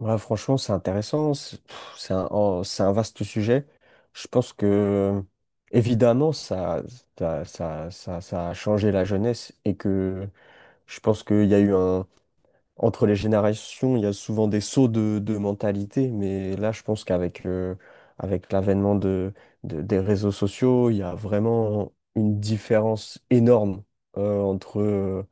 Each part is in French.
Ouais, franchement, c'est intéressant. C'est pff, c'est un, oh, c'est un vaste sujet. Je pense que, évidemment, ça a changé la jeunesse et que je pense qu'il y a eu un. Entre les générations, il y a souvent des sauts de mentalité. Mais là, je pense qu'avec avec l'avènement des réseaux sociaux, il y a vraiment une différence énorme euh, entre, euh,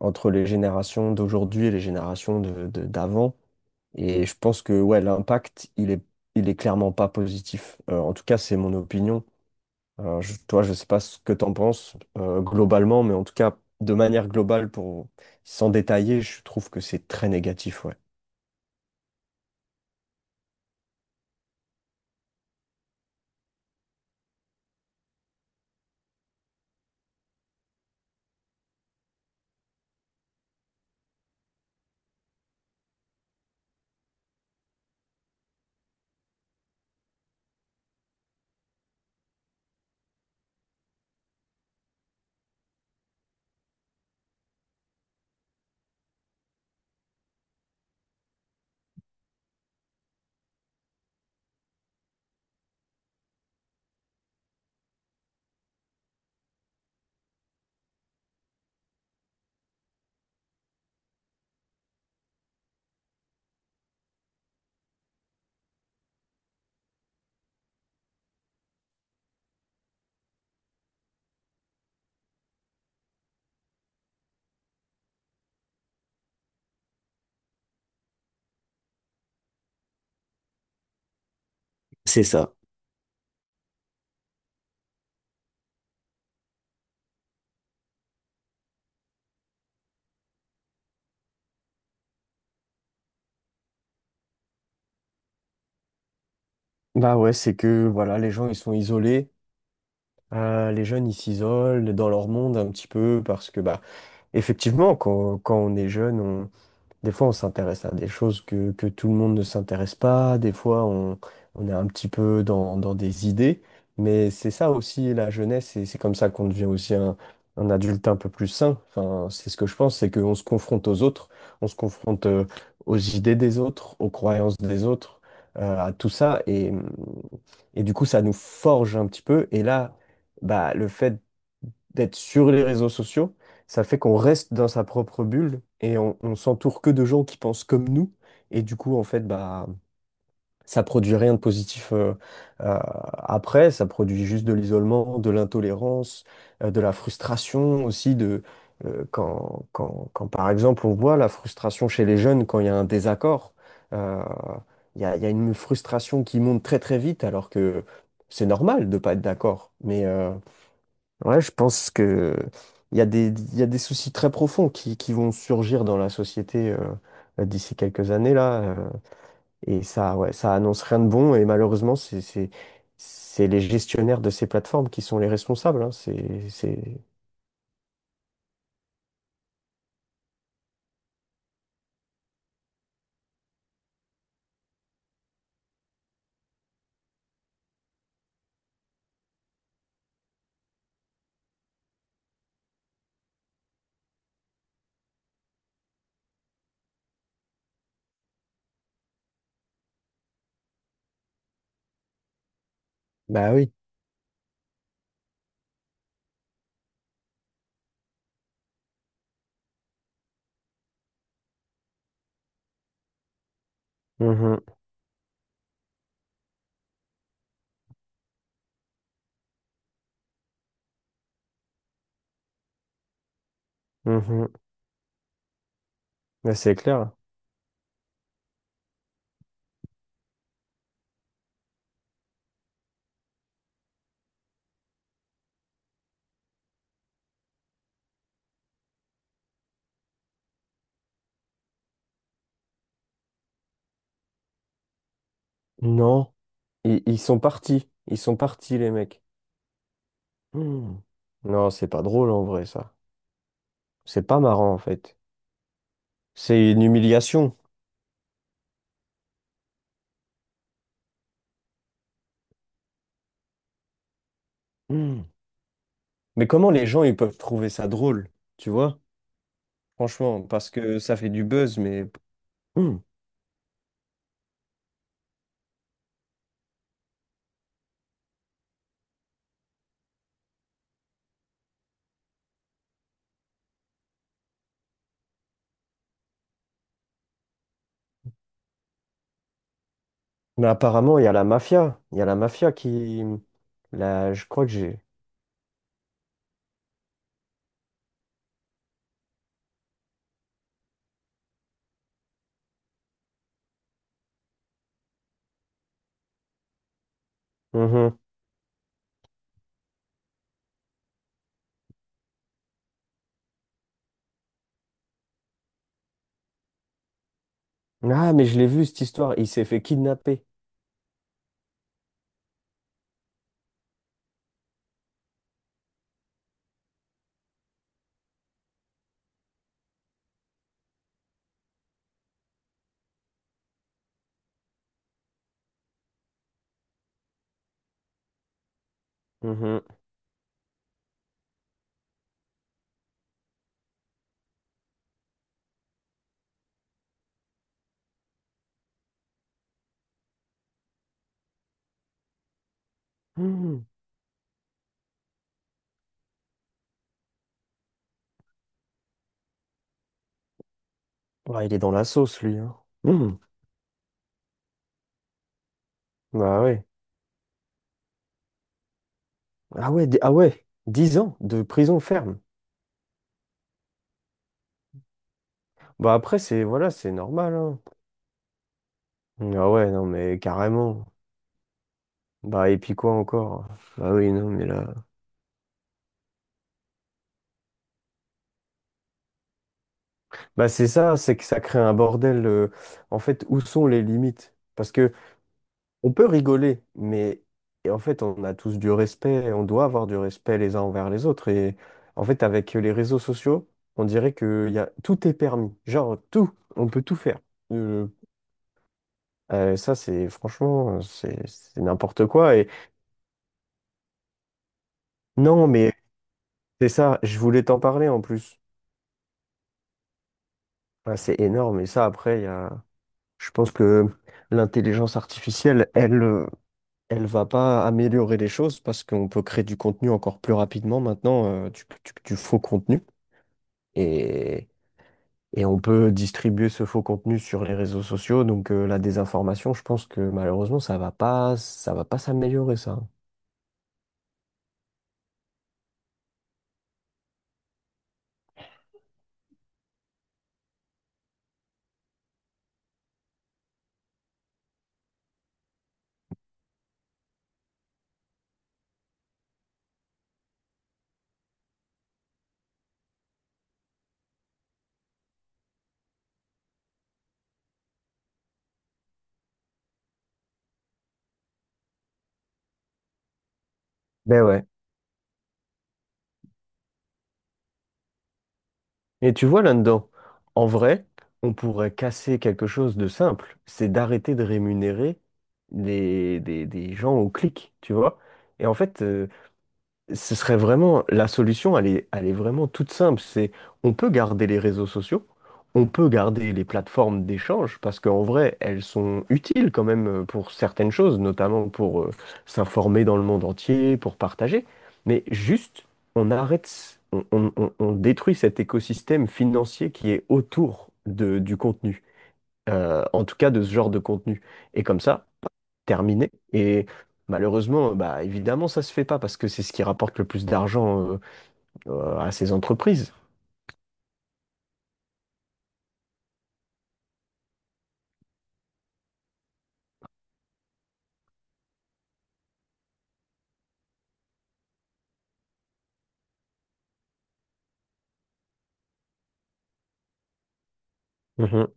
entre les générations d'aujourd'hui et les générations d'avant. Et je pense que ouais, l'impact, il est clairement pas positif. En tout cas, c'est mon opinion. Toi, je sais pas ce que tu en penses globalement, mais en tout cas, de manière globale, pour sans détailler, je trouve que c'est très négatif, ouais. C'est ça. Bah ouais, c'est que voilà, les gens ils sont isolés. Les jeunes ils s'isolent dans leur monde un petit peu parce que bah effectivement quand on est jeune. Des fois, on s'intéresse à des choses que tout le monde ne s'intéresse pas. Des fois, on est un petit peu dans des idées. Mais c'est ça aussi, la jeunesse, et c'est comme ça qu'on devient aussi un adulte un peu plus sain. Enfin, c'est ce que je pense, c'est qu'on se confronte aux autres, on se confronte aux idées des autres, aux croyances des autres, à tout ça. Et du coup, ça nous forge un petit peu. Et là, bah, le fait d'être sur les réseaux sociaux, ça fait qu'on reste dans sa propre bulle et on s'entoure que de gens qui pensent comme nous. Et du coup, en fait, bah, ça produit rien de positif après. Ça produit juste de l'isolement, de l'intolérance, de la frustration aussi. Quand, par exemple, on voit la frustration chez les jeunes quand il y a un désaccord, euh, il y a une frustration qui monte très très vite alors que c'est normal de pas être d'accord. Mais, ouais, je pense que il y a des soucis très profonds qui vont surgir dans la société d'ici quelques années là, et ça, ouais, ça annonce rien de bon. Et malheureusement, c'est les gestionnaires de ces plateformes qui sont les responsables. Hein. C'est... Bah oui. Mhm, mhm. Ouais, c'est clair. Non, ils sont partis. Ils sont partis, les mecs. Hmm. Non, c'est pas drôle en vrai, ça. C'est pas marrant en fait. C'est une humiliation. Hmm. Mais comment les gens, ils peuvent trouver ça drôle, tu vois? Franchement, parce que ça fait du buzz, mais... Hmm. Mais apparemment, il y a la mafia. Il y a la mafia qui... Là, je crois que j'ai... Mhm. Ah, mais je l'ai vu, cette histoire. Il s'est fait kidnapper. Mhm. Hmm. Ouais, il est dans la sauce, lui. Hein. Hmm. Bah ouais. Ah ouais, ah ouais. 10 ans de prison ferme. Bah après, c'est... Voilà, c'est normal, hein. Ah ouais, non, mais carrément. Bah et puis quoi encore? Bah oui, non, mais là... Bah c'est ça, c'est que ça crée un bordel. En fait, où sont les limites? Parce que on peut rigoler, mais et en fait, on a tous du respect, on doit avoir du respect les uns envers les autres. Et en fait, avec les réseaux sociaux, on dirait que y a, tout est permis. Genre, tout, on peut tout faire. Euh, ça, c'est franchement, c'est n'importe quoi. Et non, mais c'est ça, je voulais t'en parler en plus. Ah, c'est énorme. Et ça, après, je pense que l'intelligence artificielle, elle va pas améliorer les choses parce qu'on peut créer du contenu encore plus rapidement maintenant, du faux contenu. Et, et on peut distribuer ce faux contenu sur les réseaux sociaux. Donc la désinformation, je pense que malheureusement, ça va pas s'améliorer, ça. Ben ouais. Et tu vois là-dedans, en vrai, on pourrait casser quelque chose de simple, c'est d'arrêter de rémunérer des gens au clic, tu vois. Et en fait, ce serait vraiment la solution, elle est vraiment toute simple. C'est on peut garder les réseaux sociaux, on peut garder les plateformes d'échange parce qu'en vrai, elles sont utiles quand même pour certaines choses, notamment pour s'informer dans le monde entier, pour partager. Mais juste, on arrête, on détruit cet écosystème financier qui est autour du contenu, en tout cas de ce genre de contenu. Et comme ça, terminé. Et malheureusement, bah, évidemment, ça se fait pas parce que c'est ce qui rapporte le plus d'argent à ces entreprises. Mhm.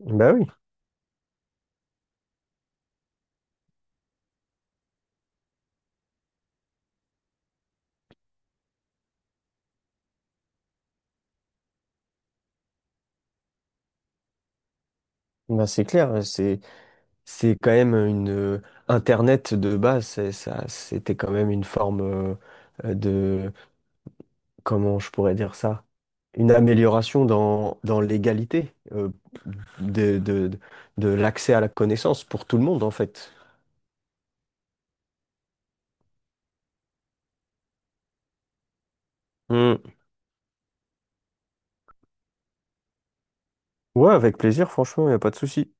Bah oui, bah c'est clair, c'est quand même une Internet de base, ça c'était quand même une forme de comment je pourrais dire ça? Une amélioration dans l'égalité de, de, de l'accès à la connaissance pour tout le monde, en fait. Hmm. Ouais, avec plaisir, franchement, il n'y a pas de souci.